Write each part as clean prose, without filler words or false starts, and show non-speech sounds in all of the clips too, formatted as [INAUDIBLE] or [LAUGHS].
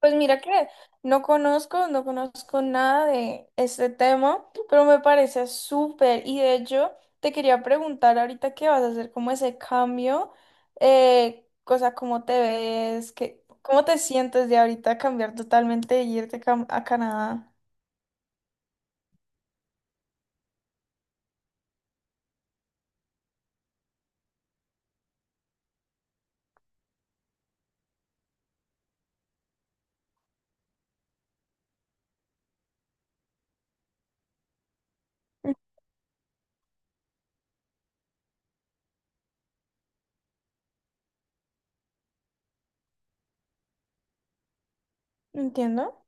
Pues mira que no conozco, no conozco nada de este tema, pero me parece súper. Y de hecho, te quería preguntar ahorita qué vas a hacer, como ese cambio, o sea, cómo te ves, qué, cómo te sientes de ahorita cambiar totalmente y irte a Canadá. Mm. Entiendo.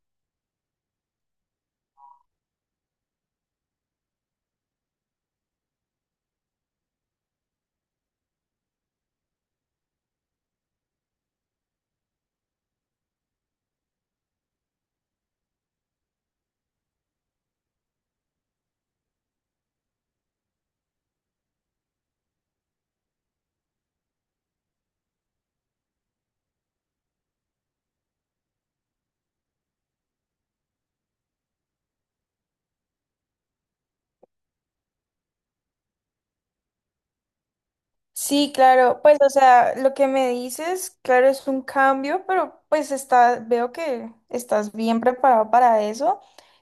Sí, claro, pues o sea, lo que me dices, claro, es un cambio, pero pues está, veo que estás bien preparado para eso.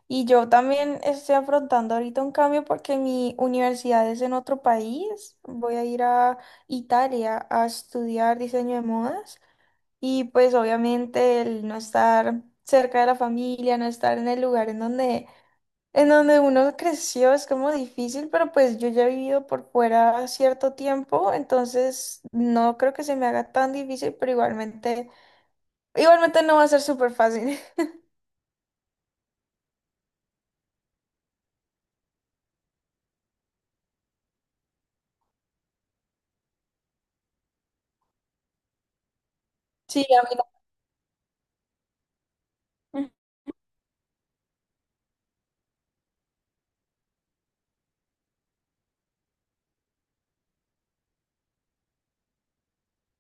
Y yo también estoy afrontando ahorita un cambio porque mi universidad es en otro país. Voy a ir a Italia a estudiar diseño de modas. Y pues obviamente el no estar cerca de la familia, no estar en el lugar en donde uno creció es como difícil, pero pues yo ya he vivido por fuera cierto tiempo, entonces no creo que se me haga tan difícil, pero igualmente, igualmente no va a ser súper fácil. [LAUGHS] Sí, a mí no.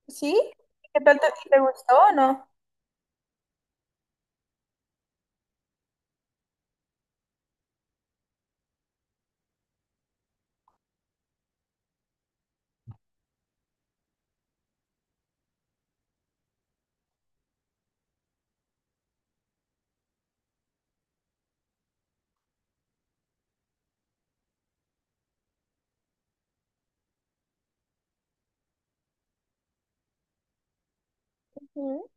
¿Sí? ¿Qué tal te, te gustó o no? Ujú.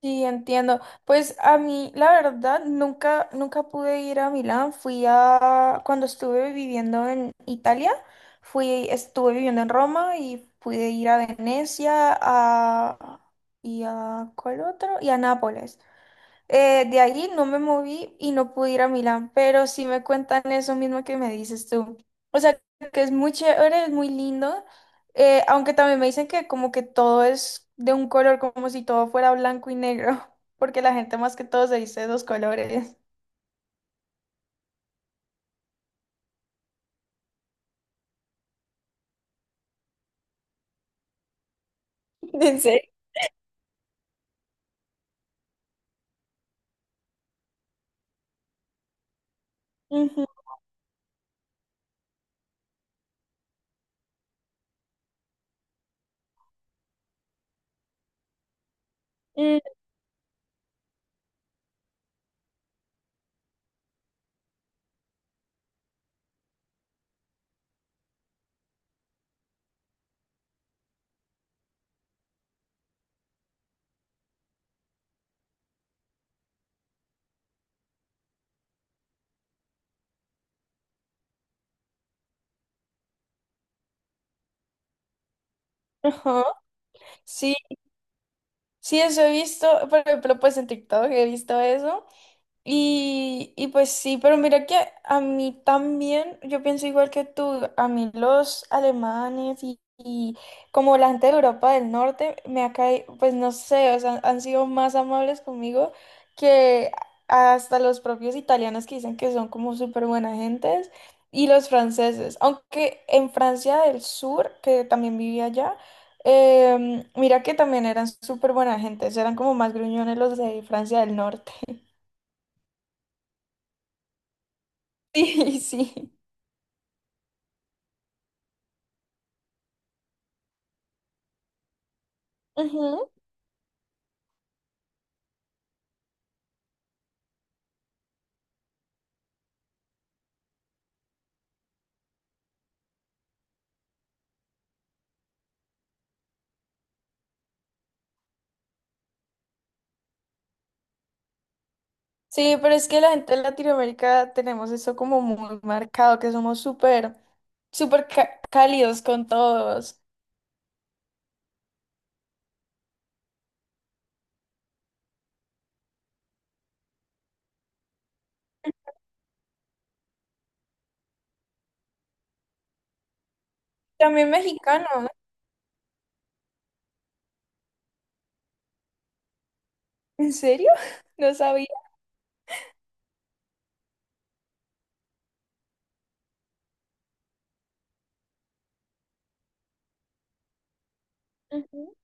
Sí, entiendo. Pues a mí, la verdad, nunca pude ir a Milán. Fui a, cuando estuve viviendo en Italia, fui, estuve viviendo en Roma y pude ir a Venecia, a, y a, ¿cuál otro? Y a Nápoles. De ahí no me moví y no pude ir a Milán, pero sí me cuentan eso mismo que me dices tú. O sea, que es muy chévere, es muy lindo, aunque también me dicen que como que todo es de un color, como si todo fuera blanco y negro, [LAUGHS] porque la gente más que todo se dice dos colores. [LAUGHS] ¿En serio? Ujú. Mm. Ajá. Sí, sí, eso he visto, por ejemplo, pues en TikTok he visto eso. Y pues sí, pero mira que a mí también, yo pienso igual que tú, a mí los alemanes y como la gente de Europa del Norte me ha caído, pues no sé, o sea, han sido más amables conmigo que hasta los propios italianos que dicen que son como súper buena gentes y los franceses, aunque en Francia del Sur, que también vivía allá, mira que también eran súper buena gentes, eran como más gruñones los de Francia del Norte. Sí, [LAUGHS] sí. Ujú. Sí, pero es que la gente de Latinoamérica tenemos eso como muy marcado, que somos súper, súper cálidos con todos. También mexicanos. ¿En serio? [LAUGHS] No sabía. Ujú.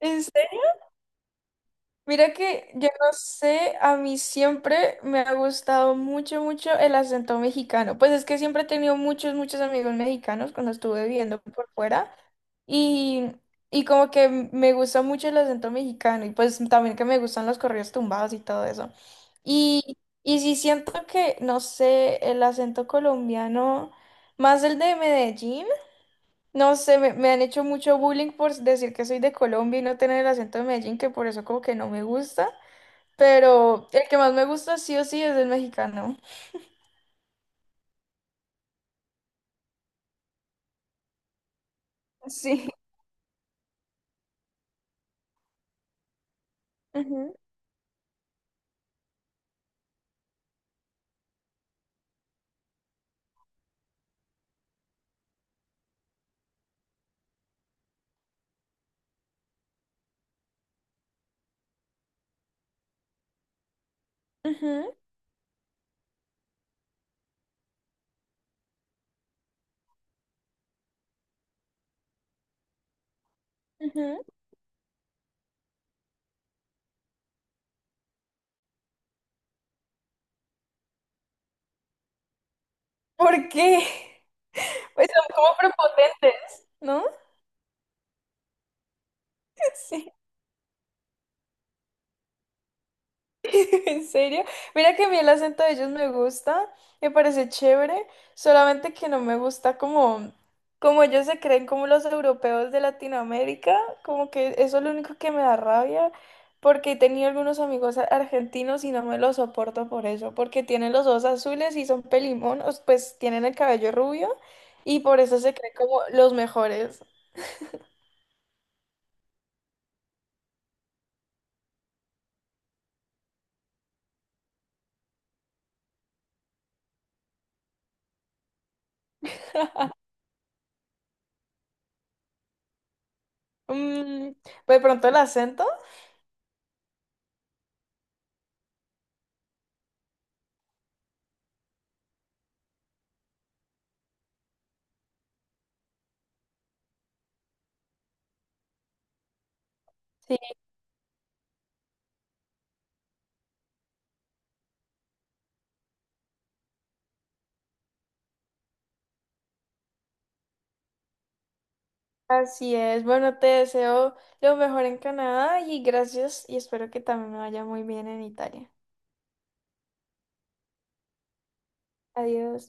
¿En serio? Mira que yo no sé, a mí siempre me ha gustado mucho, mucho el acento mexicano. Pues es que siempre he tenido muchos, muchos amigos mexicanos cuando estuve viviendo por fuera. Y, y como que me gusta mucho el acento mexicano y pues también que me gustan los corridos tumbados y todo eso. Y, y sí siento que, no sé, el acento colombiano, más el de Medellín, no sé, me han hecho mucho bullying por decir que soy de Colombia y no tener el acento de Medellín, que por eso como que no me gusta. Pero el que más me gusta sí o sí es el mexicano. Sí. Ujú, ujú, ujú. ¿Por qué? [LAUGHS] Pues son como prepotentes, ¿no? [LAUGHS] Sí. [LAUGHS] ¿En serio? Mira que a mí el acento de ellos me gusta, me parece chévere, solamente que no me gusta como, como ellos se creen como los europeos de Latinoamérica, como que eso es lo único que me da rabia, porque he tenido algunos amigos argentinos y no me los soporto por eso, porque tienen los ojos azules y son pelimonos, pues tienen el cabello rubio y por eso se creen como los mejores. Mm, pues de pronto el acento. Sí. Así es. Bueno, te deseo lo mejor en Canadá y gracias y espero que también me vaya muy bien en Italia. Adiós.